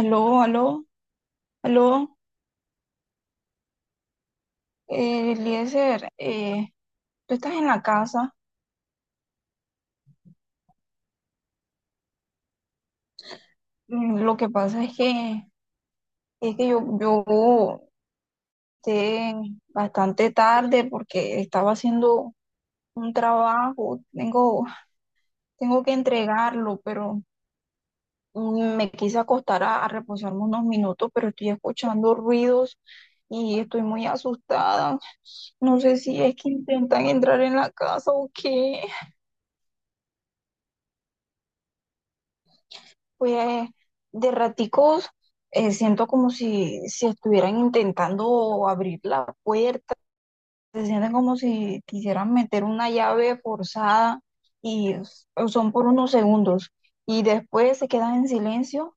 Aló, aló, aló, Eliezer, ¿tú estás en la casa? Lo que pasa es que yo llegué bastante tarde porque estaba haciendo un trabajo. Tengo que entregarlo, pero me quise acostar a reposarme unos minutos, pero estoy escuchando ruidos y estoy muy asustada. No sé si es que intentan entrar en la casa o qué. Pues, de raticos, siento como si estuvieran intentando abrir la puerta. Se sienten como si quisieran meter una llave forzada, y son por unos segundos, y después se quedan en silencio,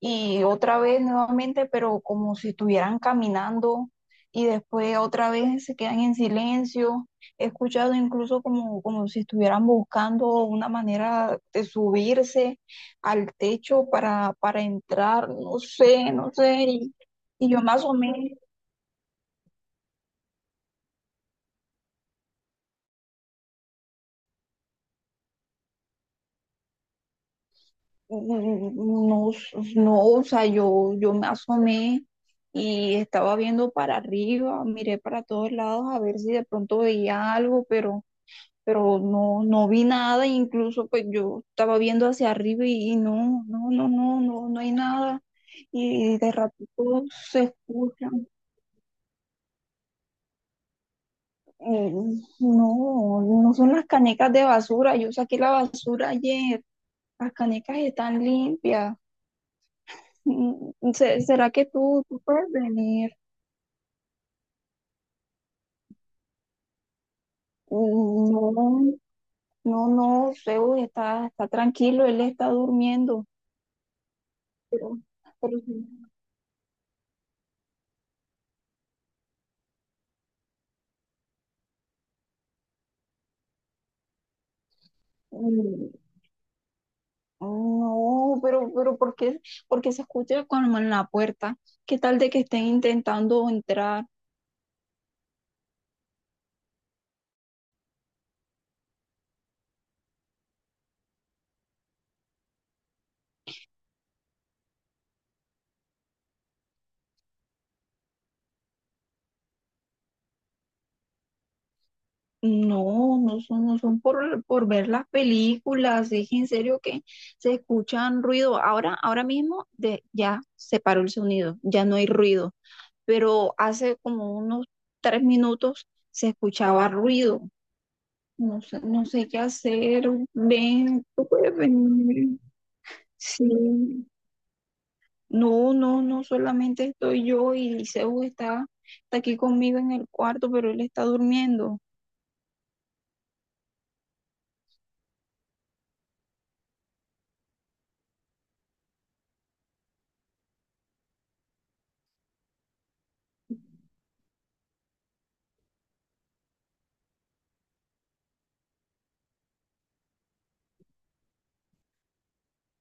y otra vez nuevamente, pero como si estuvieran caminando, y después otra vez se quedan en silencio. He escuchado incluso como si estuvieran buscando una manera de subirse al techo para entrar. No sé, no sé. Y yo me asomé. Mm, no, no, o sea, yo me asomé. Y estaba viendo para arriba, miré para todos lados a ver si de pronto veía algo, pero no, no vi nada. Incluso pues yo estaba viendo hacia arriba, y no, no, no, no, no, no hay nada. Y de ratito se escuchan. eh, no, no son las canecas de basura. Yo saqué la basura ayer, las canecas están limpias. ¿Será que tú puedes venir? Mm, No, no, no, Zeus está tranquilo, él está durmiendo, pero, pero sí. Mm, no, pero ¿por qué? Porque se escucha cuando en la puerta. ¿Qué tal de que estén intentando entrar? No, no son por ver las películas, es en serio que se escuchan ruido. Ahora, ahora mismo, de, ya se paró el sonido, ya no hay ruido, pero hace como unos 3 minutos se escuchaba ruido. No sé, no sé qué hacer. Ven, tú puedes venir. Sí. No, no, no, solamente estoy yo y Liceo está aquí conmigo en el cuarto, pero él está durmiendo.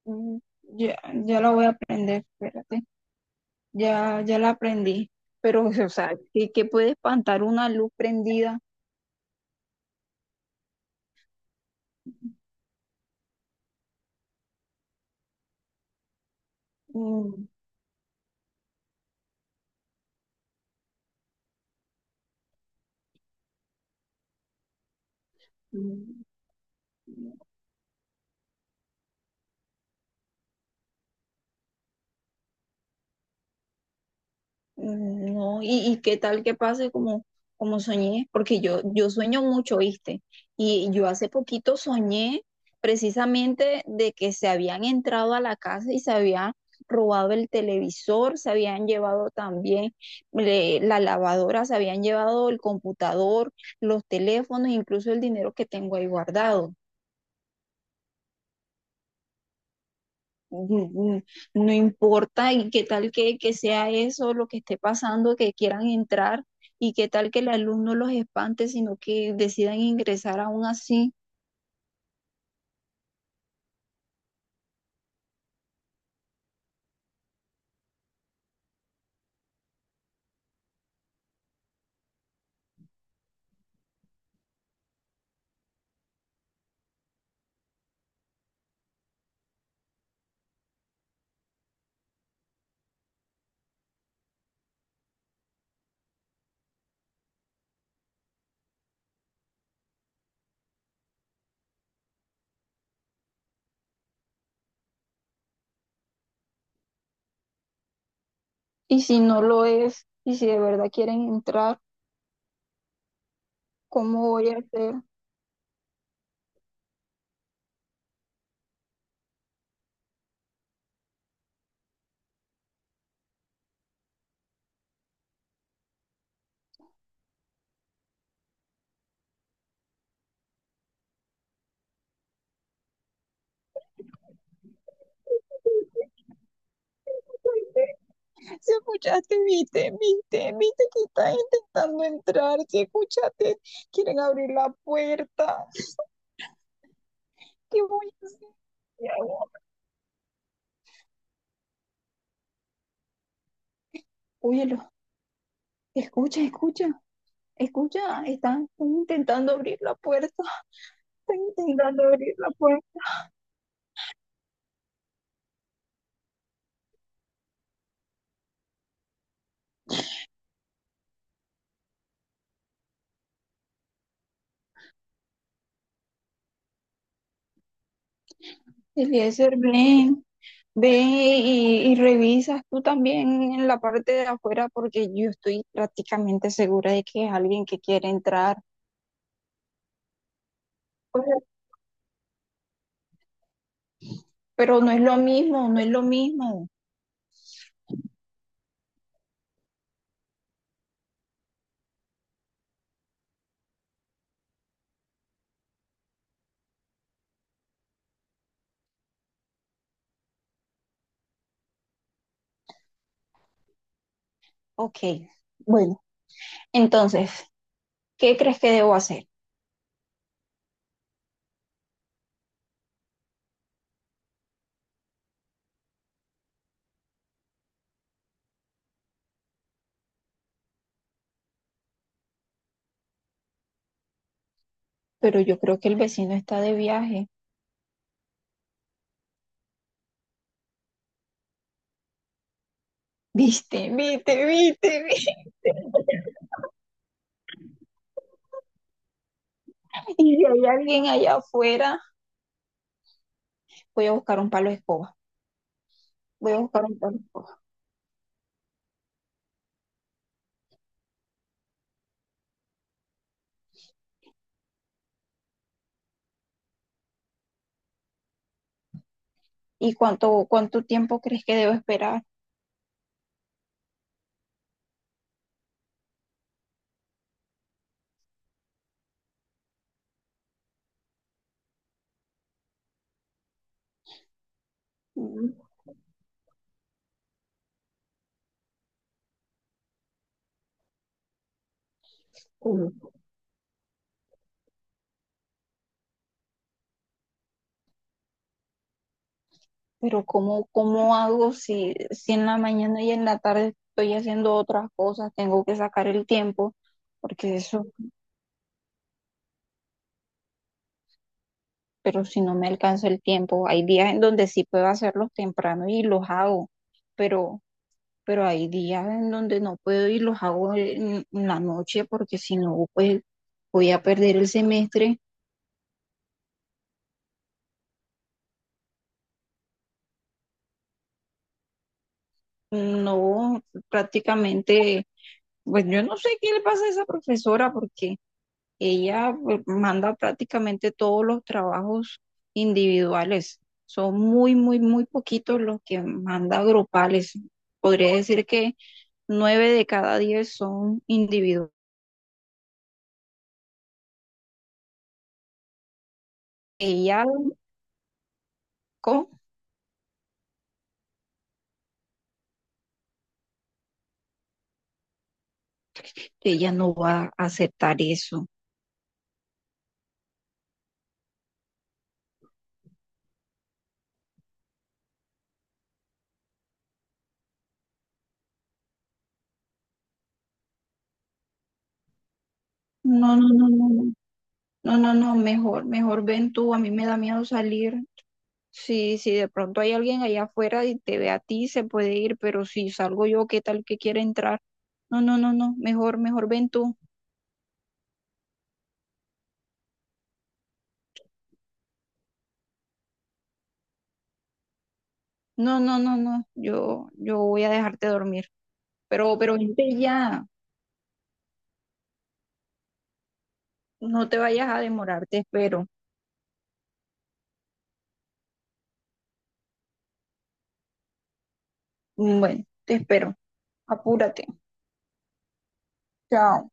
Mm, Ya, ya la voy a aprender, espérate. Ya, ya la aprendí. Pero, o sea, ¿qué puede espantar una luz prendida? Mm. Mm. Mm, no, y qué tal que pase como soñé, porque yo sueño mucho, ¿viste? Y yo hace poquito soñé precisamente de que se habían entrado a la casa y se habían robado el televisor, se habían llevado también, la lavadora, se habían llevado el computador, los teléfonos, incluso el dinero que tengo ahí guardado. mm, no importa, y qué tal que sea eso lo que esté pasando, que quieran entrar, y qué tal que el alumno los espante, sino que decidan ingresar aún así. Y si no lo es, y si de verdad quieren entrar, ¿cómo voy a hacer? Quieren abrir la puerta. Óyelo, escucha, escucha, escucha, están intentando abrir la puerta. Están intentando abrir la puerta. Eliezer, ven, ve y revisas tú también en la parte de afuera, porque yo estoy prácticamente segura de que es alguien que quiere entrar. Pues, pero no es lo mismo, no es lo mismo. Ok, bueno, entonces, ¿qué crees que debo hacer? Pero yo creo que el vecino está de viaje. ¿Viste? ¿Viste? ¿Viste? ¿Viste? Y si hay alguien allá afuera, voy a buscar un palo de escoba. Voy a buscar un palo de escoba. ¿Y cuánto tiempo crees que debo esperar? Mm, Pero ¿cómo hago si en la mañana y en la tarde estoy haciendo otras cosas? Tengo que sacar el tiempo, porque eso, pero si no me alcanza el tiempo, hay días en donde sí puedo hacerlos temprano y los hago, pero, pero hay días en donde no puedo y los hago en la noche, porque si no, pues voy a perder el semestre. No, prácticamente, pues yo no sé qué le pasa a esa profesora, porque ella pues, manda prácticamente todos los trabajos individuales. Son muy, muy, muy poquitos los que manda grupales. Podría decir que 9 de cada 10 son individuales. Ella, co- ella no va a aceptar eso. No, no, no, no, no, no, no, no, mejor, mejor ven tú. A mí me da miedo salir. Si de pronto hay alguien allá afuera y te ve a ti, se puede ir, pero si salgo yo, ¿qué tal que quiere entrar? No, no, no, no, mejor, mejor ven tú. No, no, no, no, yo voy a dejarte dormir, pero vente ya, no te vayas a demorar, te espero. Bueno, te espero, apúrate. Chao.